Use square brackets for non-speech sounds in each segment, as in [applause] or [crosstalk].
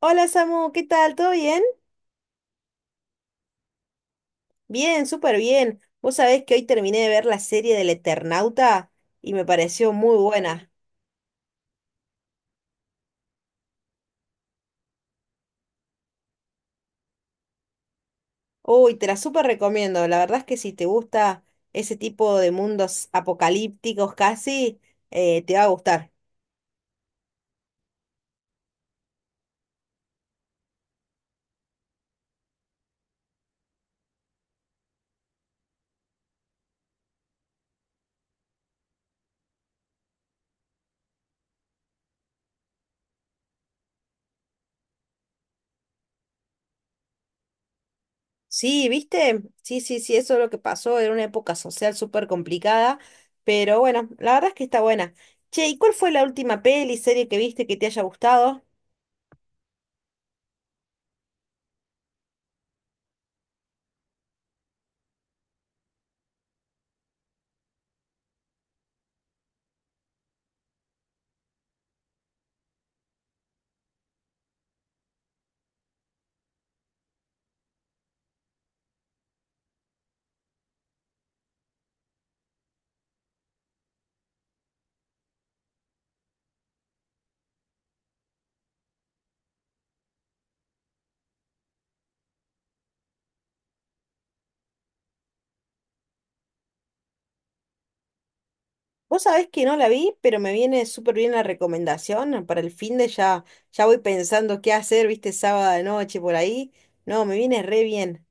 Hola Samu, ¿qué tal? ¿Todo bien? Bien, súper bien. Vos sabés que hoy terminé de ver la serie del Eternauta y me pareció muy buena. Uy, te la súper recomiendo. La verdad es que si te gusta ese tipo de mundos apocalípticos casi, te va a gustar. Sí, ¿viste? Sí, sí, sí, eso es lo que pasó. Era una época social súper complicada, pero bueno, la verdad es que está buena. Che, ¿y cuál fue la última peli, serie que viste que te haya gustado? Vos sabés que no la vi, pero me viene súper bien la recomendación. Para el fin de ya, ya voy pensando qué hacer, viste, sábado de noche por ahí. No, me viene re bien.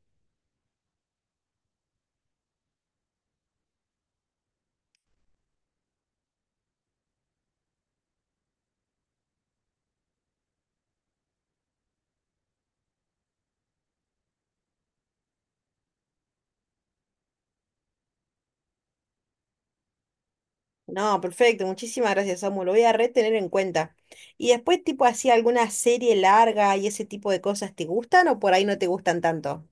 No, perfecto, muchísimas gracias, Samu. Lo voy a re tener en cuenta. Y después, tipo así, alguna serie larga y ese tipo de cosas, ¿te gustan o por ahí no te gustan tanto?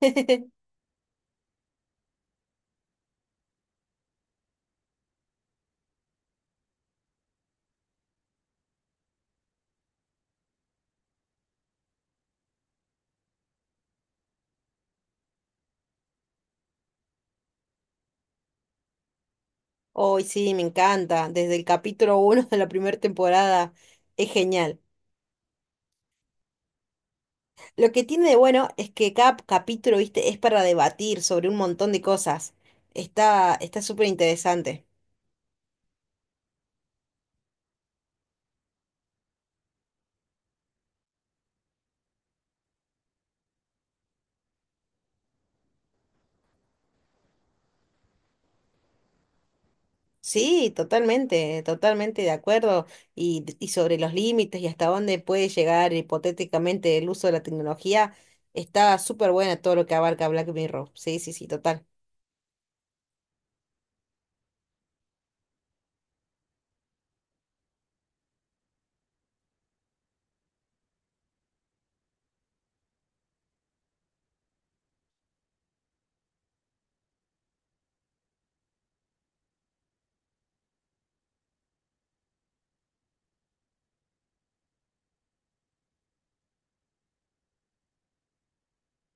[laughs] Hoy sí, me encanta. Desde el capítulo uno de la primera temporada, es genial. Lo que tiene de bueno es que cada capítulo, viste, es para debatir sobre un montón de cosas. Está súper interesante. Sí, totalmente, totalmente de acuerdo. Y sobre los límites y hasta dónde puede llegar hipotéticamente el uso de la tecnología, está súper buena todo lo que abarca Black Mirror. Sí, sí, sí, total.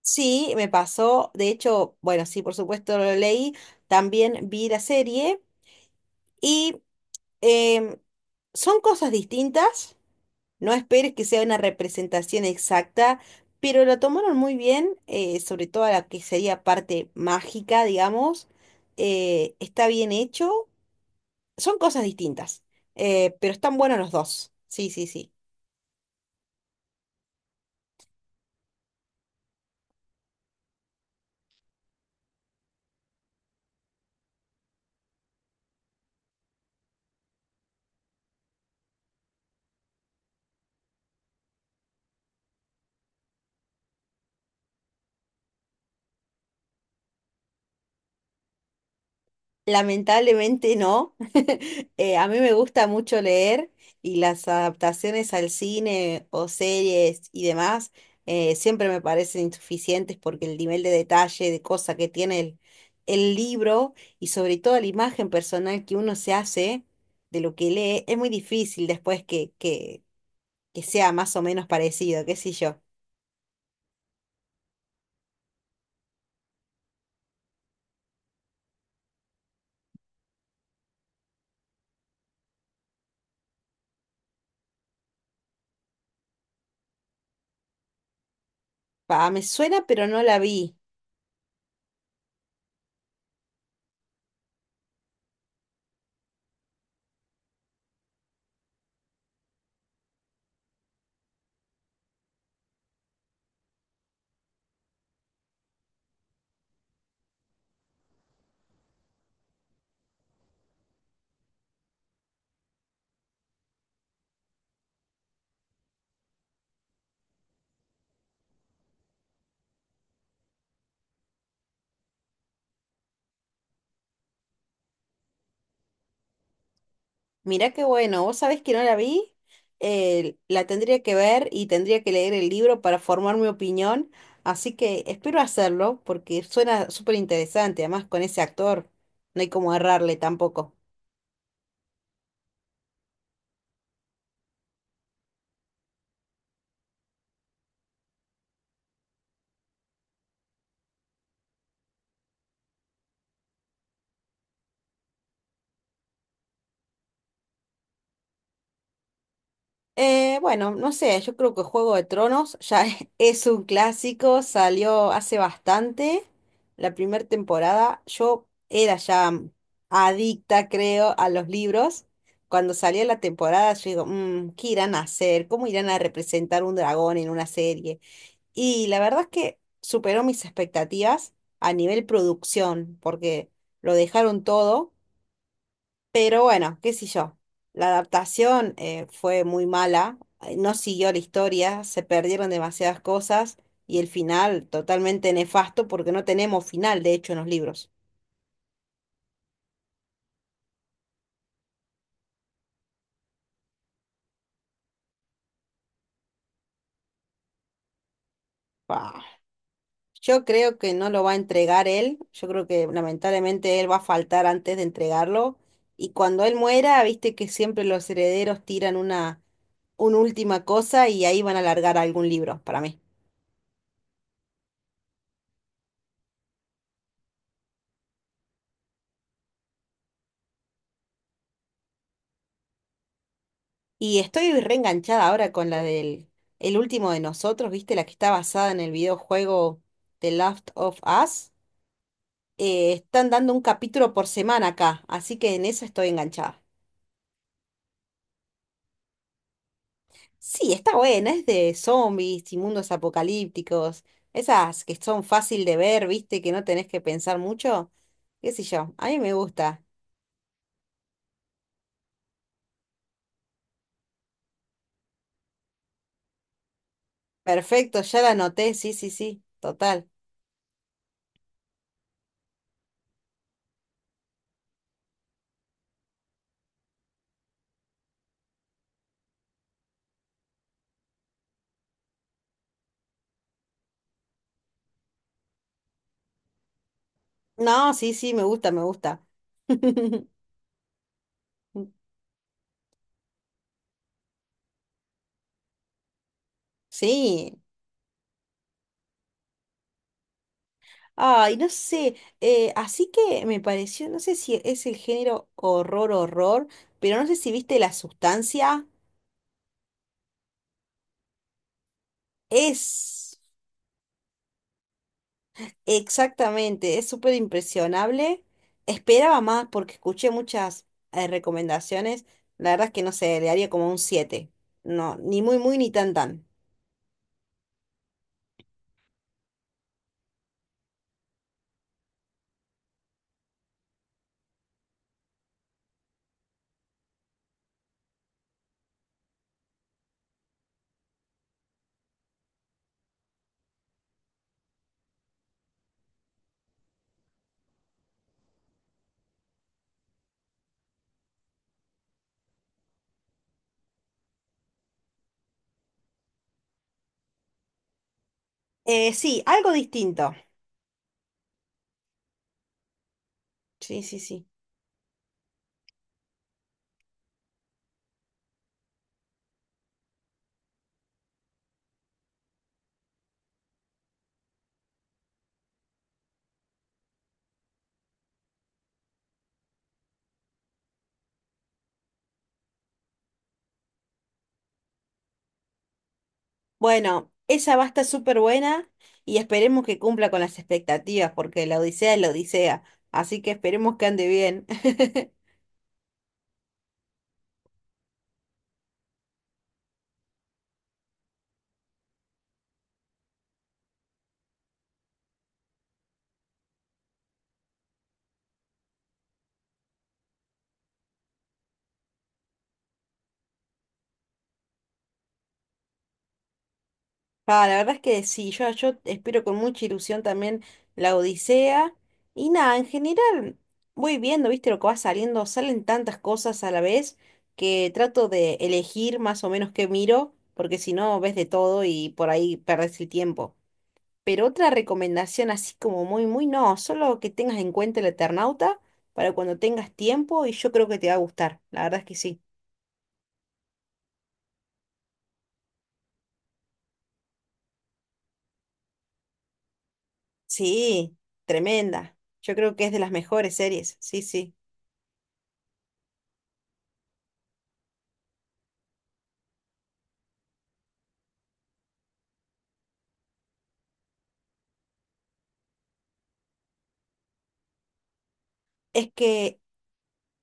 Sí, me pasó. De hecho, bueno, sí, por supuesto lo leí. También vi la serie y em, son cosas distintas. No esperes que sea una representación exacta, pero lo tomaron muy bien, sobre todo a la que sería parte mágica, digamos. Está bien hecho. Son cosas distintas, pero están buenos los dos. Sí, sí, sí. Lamentablemente no. [laughs] A mí me gusta mucho leer y las adaptaciones al cine o series y demás siempre me parecen insuficientes porque el nivel de detalle, de cosa que tiene el libro y sobre todo la imagen personal que uno se hace de lo que lee es muy difícil después que sea más o menos parecido, qué sé yo. Pa, me suena pero no la vi. Mirá qué bueno, vos sabés que no la vi, la tendría que ver y tendría que leer el libro para formar mi opinión, así que espero hacerlo porque suena súper interesante, además con ese actor no hay como errarle tampoco. Bueno, no sé, yo creo que Juego de Tronos ya [laughs] es un clásico, salió hace bastante, la primera temporada. Yo era ya adicta, creo, a los libros. Cuando salió la temporada, yo digo, "Mm, ¿qué irán a hacer? ¿Cómo irán a representar un dragón en una serie?" Y la verdad es que superó mis expectativas a nivel producción, porque lo dejaron todo. Pero bueno, qué sé yo. La adaptación fue muy mala, no siguió la historia, se perdieron demasiadas cosas y el final totalmente nefasto porque no tenemos final, de hecho, en los libros. Bah. Yo creo que no lo va a entregar él, yo creo que lamentablemente él va a faltar antes de entregarlo y cuando él muera, viste que siempre los herederos tiran una última cosa y ahí van a largar algún libro para mí. Y estoy reenganchada ahora con la del El último de nosotros, ¿viste? La que está basada en el videojuego The Last of Us. Están dando un capítulo por semana acá, así que en esa estoy enganchada. Sí, está buena, es de zombies y mundos apocalípticos, esas que son fácil de ver, ¿viste? Que no tenés que pensar mucho. ¿Qué sé yo? A mí me gusta. Perfecto, ya la anoté, sí, sí, sí, total. No, sí, sí, me gusta, me gusta. [laughs] Sí. Ay, no sé, así que me pareció, no sé si es el género horror, horror, pero no sé si viste La Sustancia. Es exactamente, es súper impresionable. Esperaba más porque escuché muchas recomendaciones. La verdad es que no sé, le haría como un siete. No, ni muy, muy, ni tan, tan. Sí, algo distinto. Sí, sí, sí. Bueno, esa va a estar súper buena y esperemos que cumpla con las expectativas, porque la Odisea es la Odisea, así que esperemos que ande bien. [laughs] Ah, la verdad es que sí, yo espero con mucha ilusión también la Odisea. Y nada, en general voy viendo, viste lo que va saliendo, salen tantas cosas a la vez que trato de elegir más o menos qué miro, porque si no ves de todo y por ahí perdés el tiempo. Pero otra recomendación así como muy, muy no, solo que tengas en cuenta el Eternauta para cuando tengas tiempo y yo creo que te va a gustar, la verdad es que sí. Sí, tremenda. Yo creo que es de las mejores series, sí, sí. Es que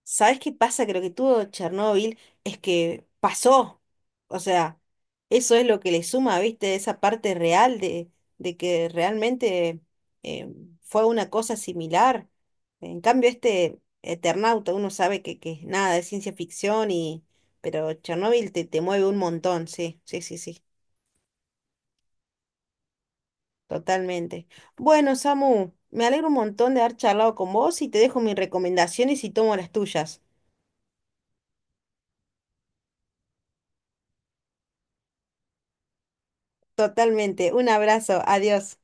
¿sabes qué pasa? Creo que tuvo Chernóbil es que pasó. O sea, eso es lo que le suma, ¿viste? Esa parte real de que realmente eh, fue una cosa similar. En cambio, este Eternauta, uno sabe que es nada, es ciencia ficción y... Pero Chernóbil te, te mueve un montón, sí, sí, sí, sí, totalmente. Bueno, Samu, me alegro un montón de haber charlado con vos y te dejo mis recomendaciones y tomo las tuyas. Totalmente. Un abrazo. Adiós.